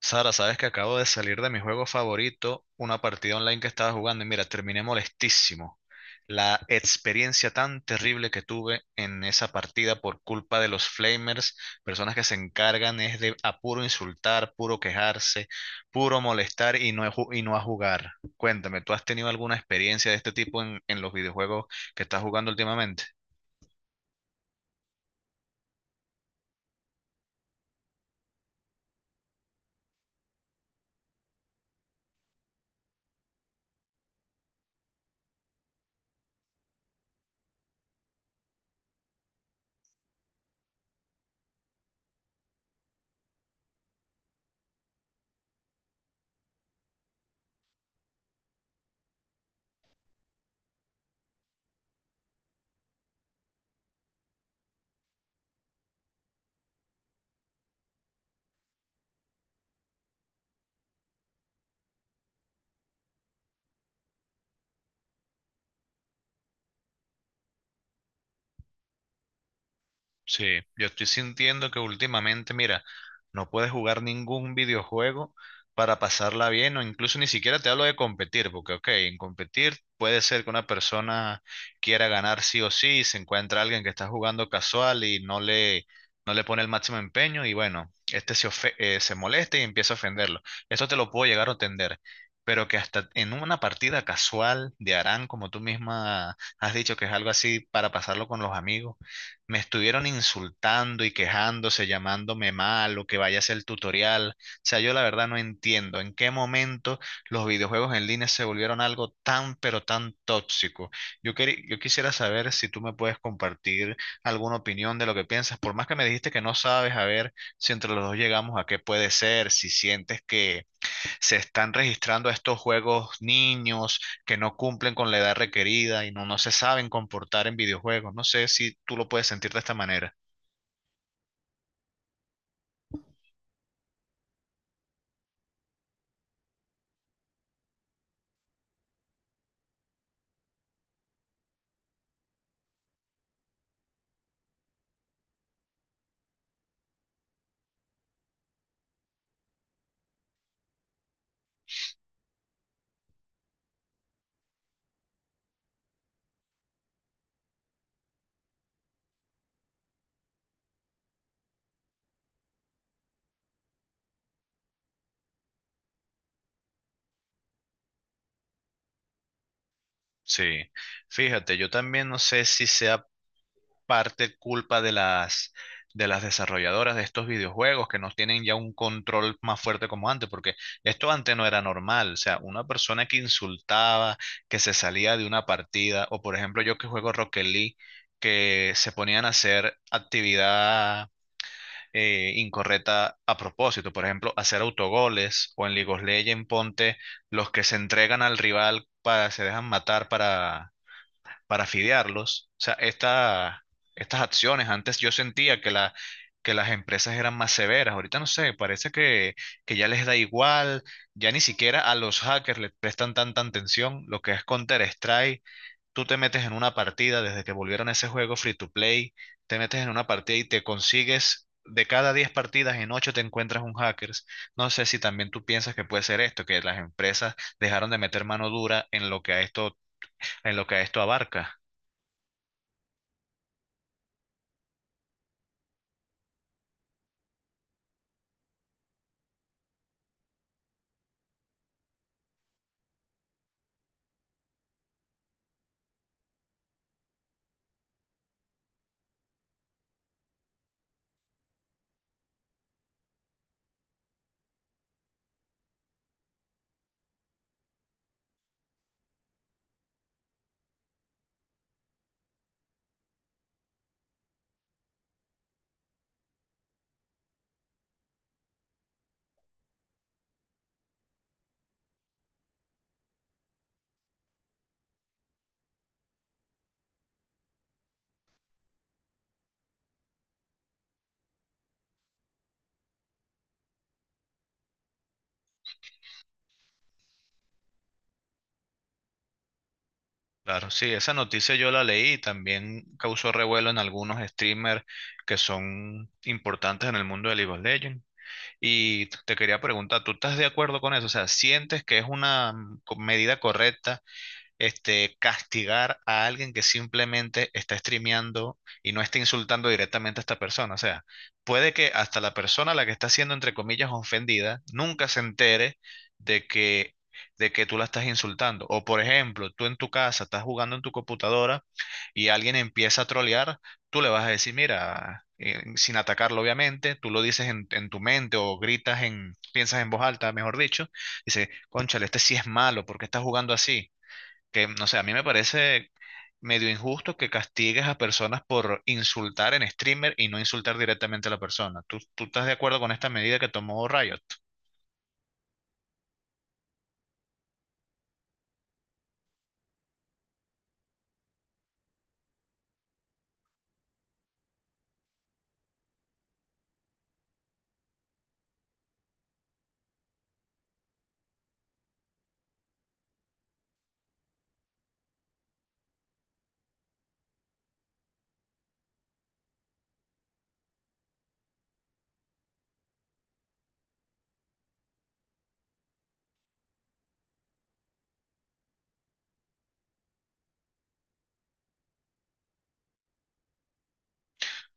Sara, sabes que acabo de salir de mi juego favorito, una partida online que estaba jugando y mira, terminé molestísimo. La experiencia tan terrible que tuve en esa partida por culpa de los flamers, personas que se encargan es de a puro insultar, puro quejarse, puro molestar y no, y no a jugar. Cuéntame, ¿tú has tenido alguna experiencia de este tipo en los videojuegos que estás jugando últimamente? Sí, yo estoy sintiendo que últimamente, mira, no puedes jugar ningún videojuego para pasarla bien o incluso ni siquiera te hablo de competir, porque ok, en competir puede ser que una persona quiera ganar sí o sí, y se encuentra alguien que está jugando casual y no le pone el máximo empeño y bueno, se molesta y empieza a ofenderlo. Eso te lo puedo llegar a entender, pero que hasta en una partida casual de Arán, como tú misma has dicho que es algo así para pasarlo con los amigos me estuvieron insultando y quejándose, llamándome mal o que vaya a hacer el tutorial. O sea, yo la verdad no entiendo en qué momento los videojuegos en línea se volvieron algo tan, pero tan tóxico. Yo quisiera saber si tú me puedes compartir alguna opinión de lo que piensas, por más que me dijiste que no sabes, a ver si entre los dos llegamos a qué puede ser, si sientes que se están registrando estos juegos niños que no cumplen con la edad requerida y no se saben comportar en videojuegos. No sé si tú lo puedes sentir de esta manera. Sí, fíjate, yo también no sé si sea parte culpa de las desarrolladoras de estos videojuegos que no tienen ya un control más fuerte como antes, porque esto antes no era normal, o sea, una persona que insultaba, que se salía de una partida, o por ejemplo yo que juego Rocket League, que se ponían a hacer actividad incorrecta a propósito. Por ejemplo, hacer autogoles o en League of Legends, ponte los que se entregan al rival para se dejan matar para fidearlos. O sea, estas acciones, antes yo sentía que las empresas eran más severas. Ahorita no sé, parece que ya les da igual, ya ni siquiera a los hackers les prestan tanta atención. Lo que es Counter-Strike tú te metes en una partida, desde que volvieron a ese juego free to play, te metes en una partida y te consigues, de cada 10 partidas, en 8 te encuentras un hackers. No sé si también tú piensas que puede ser esto, que las empresas dejaron de meter mano dura en lo que a esto, en lo que a esto abarca. Claro, sí, esa noticia yo la leí y también causó revuelo en algunos streamers que son importantes en el mundo de League of Legends. Y te quería preguntar, ¿tú estás de acuerdo con eso? O sea, ¿sientes que es una medida correcta este, castigar a alguien que simplemente está streameando y no está insultando directamente a esta persona? O sea, puede que hasta la persona a la que está siendo, entre comillas, ofendida, nunca se entere de que, de que tú la estás insultando. O, por ejemplo, tú en tu casa estás jugando en tu computadora y alguien empieza a trolear, tú le vas a decir, mira, sin atacarlo, obviamente, tú lo dices en tu mente o gritas en, piensas en voz alta, mejor dicho, dice, cónchale, ¿este sí es malo, porque está jugando así? Que no sé, a mí me parece medio injusto que castigues a personas por insultar en streamer y no insultar directamente a la persona. Tú estás de acuerdo con esta medida que tomó Riot?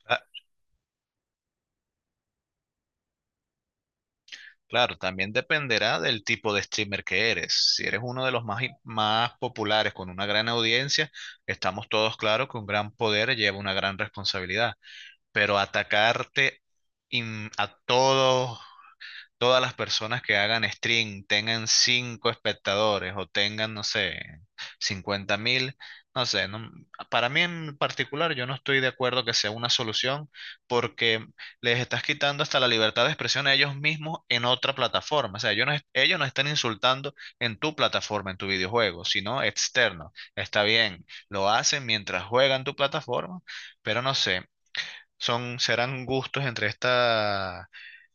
Ah, claro, también dependerá del tipo de streamer que eres. Si eres uno de más populares con una gran audiencia, estamos todos claros que un gran poder lleva una gran responsabilidad. Pero atacarte a todos, todas las personas que hagan stream tengan 5 espectadores o tengan, no sé, 50.000, no sé, para mí en particular yo no estoy de acuerdo que sea una solución porque les estás quitando hasta la libertad de expresión a ellos mismos en otra plataforma. O sea, ellos no están insultando en tu plataforma, en tu videojuego, sino externo. Está bien, lo hacen mientras juegan tu plataforma, pero no sé. Serán gustos entre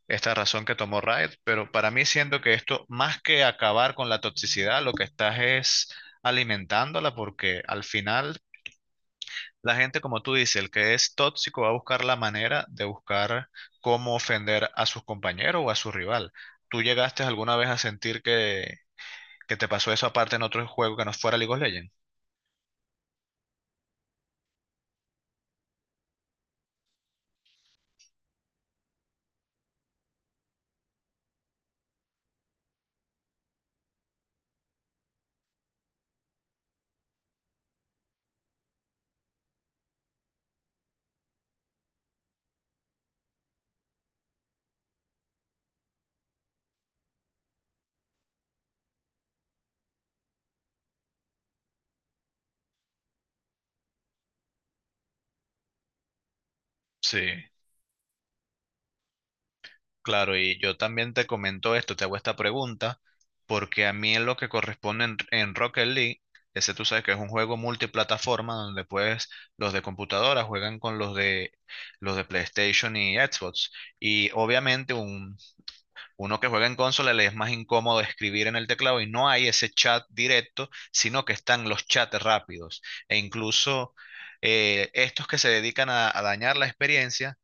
esta razón que tomó Riot, pero para mí siento que esto, más que acabar con la toxicidad, lo que estás es alimentándola porque al final la gente, como tú dices, el que es tóxico va a buscar la manera de buscar cómo ofender a sus compañeros o a su rival. ¿Tú llegaste alguna vez a sentir que te pasó eso aparte en otro juego que no fuera League of Legends? Sí. Claro, y yo también te comento esto, te hago esta pregunta, porque a mí en lo que corresponde en Rocket League, ese tú sabes que es un juego multiplataforma donde pues los de computadora juegan con los de PlayStation y Xbox. Y obviamente uno que juega en consola le es más incómodo escribir en el teclado y no hay ese chat directo, sino que están los chats rápidos. E incluso estos que se dedican a dañar la experiencia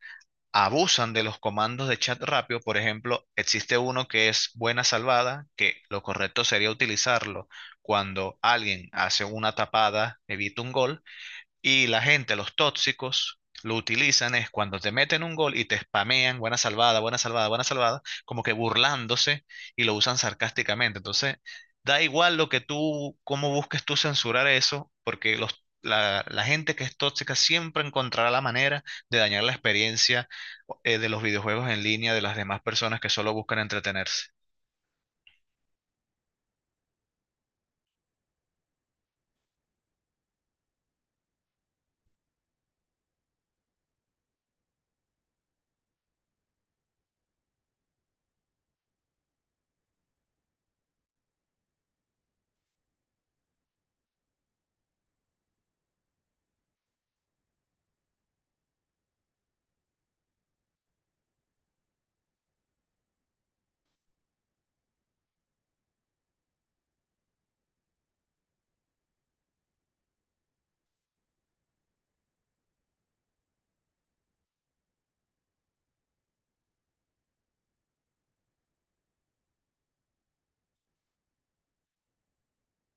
abusan de los comandos de chat rápido. Por ejemplo, existe uno que es buena salvada, que lo correcto sería utilizarlo cuando alguien hace una tapada, evita un gol, y la gente, los tóxicos, lo utilizan es cuando te meten un gol y te spamean, buena salvada, buena salvada, buena salvada, como que burlándose y lo usan sarcásticamente. Entonces, da igual lo que tú, cómo busques tú censurar eso, porque la gente que es tóxica siempre encontrará la manera de dañar la experiencia de los videojuegos en línea de las demás personas que solo buscan entretenerse.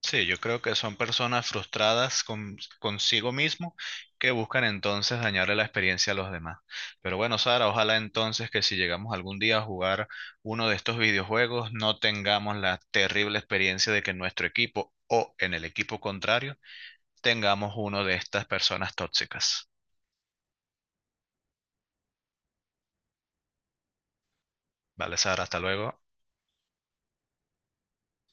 Sí, yo creo que son personas frustradas consigo mismo que buscan entonces dañarle la experiencia a los demás. Pero bueno, Sara, ojalá entonces que si llegamos algún día a jugar uno de estos videojuegos, no tengamos la terrible experiencia de que en nuestro equipo o en el equipo contrario tengamos uno de estas personas tóxicas. Vale, Sara, hasta luego.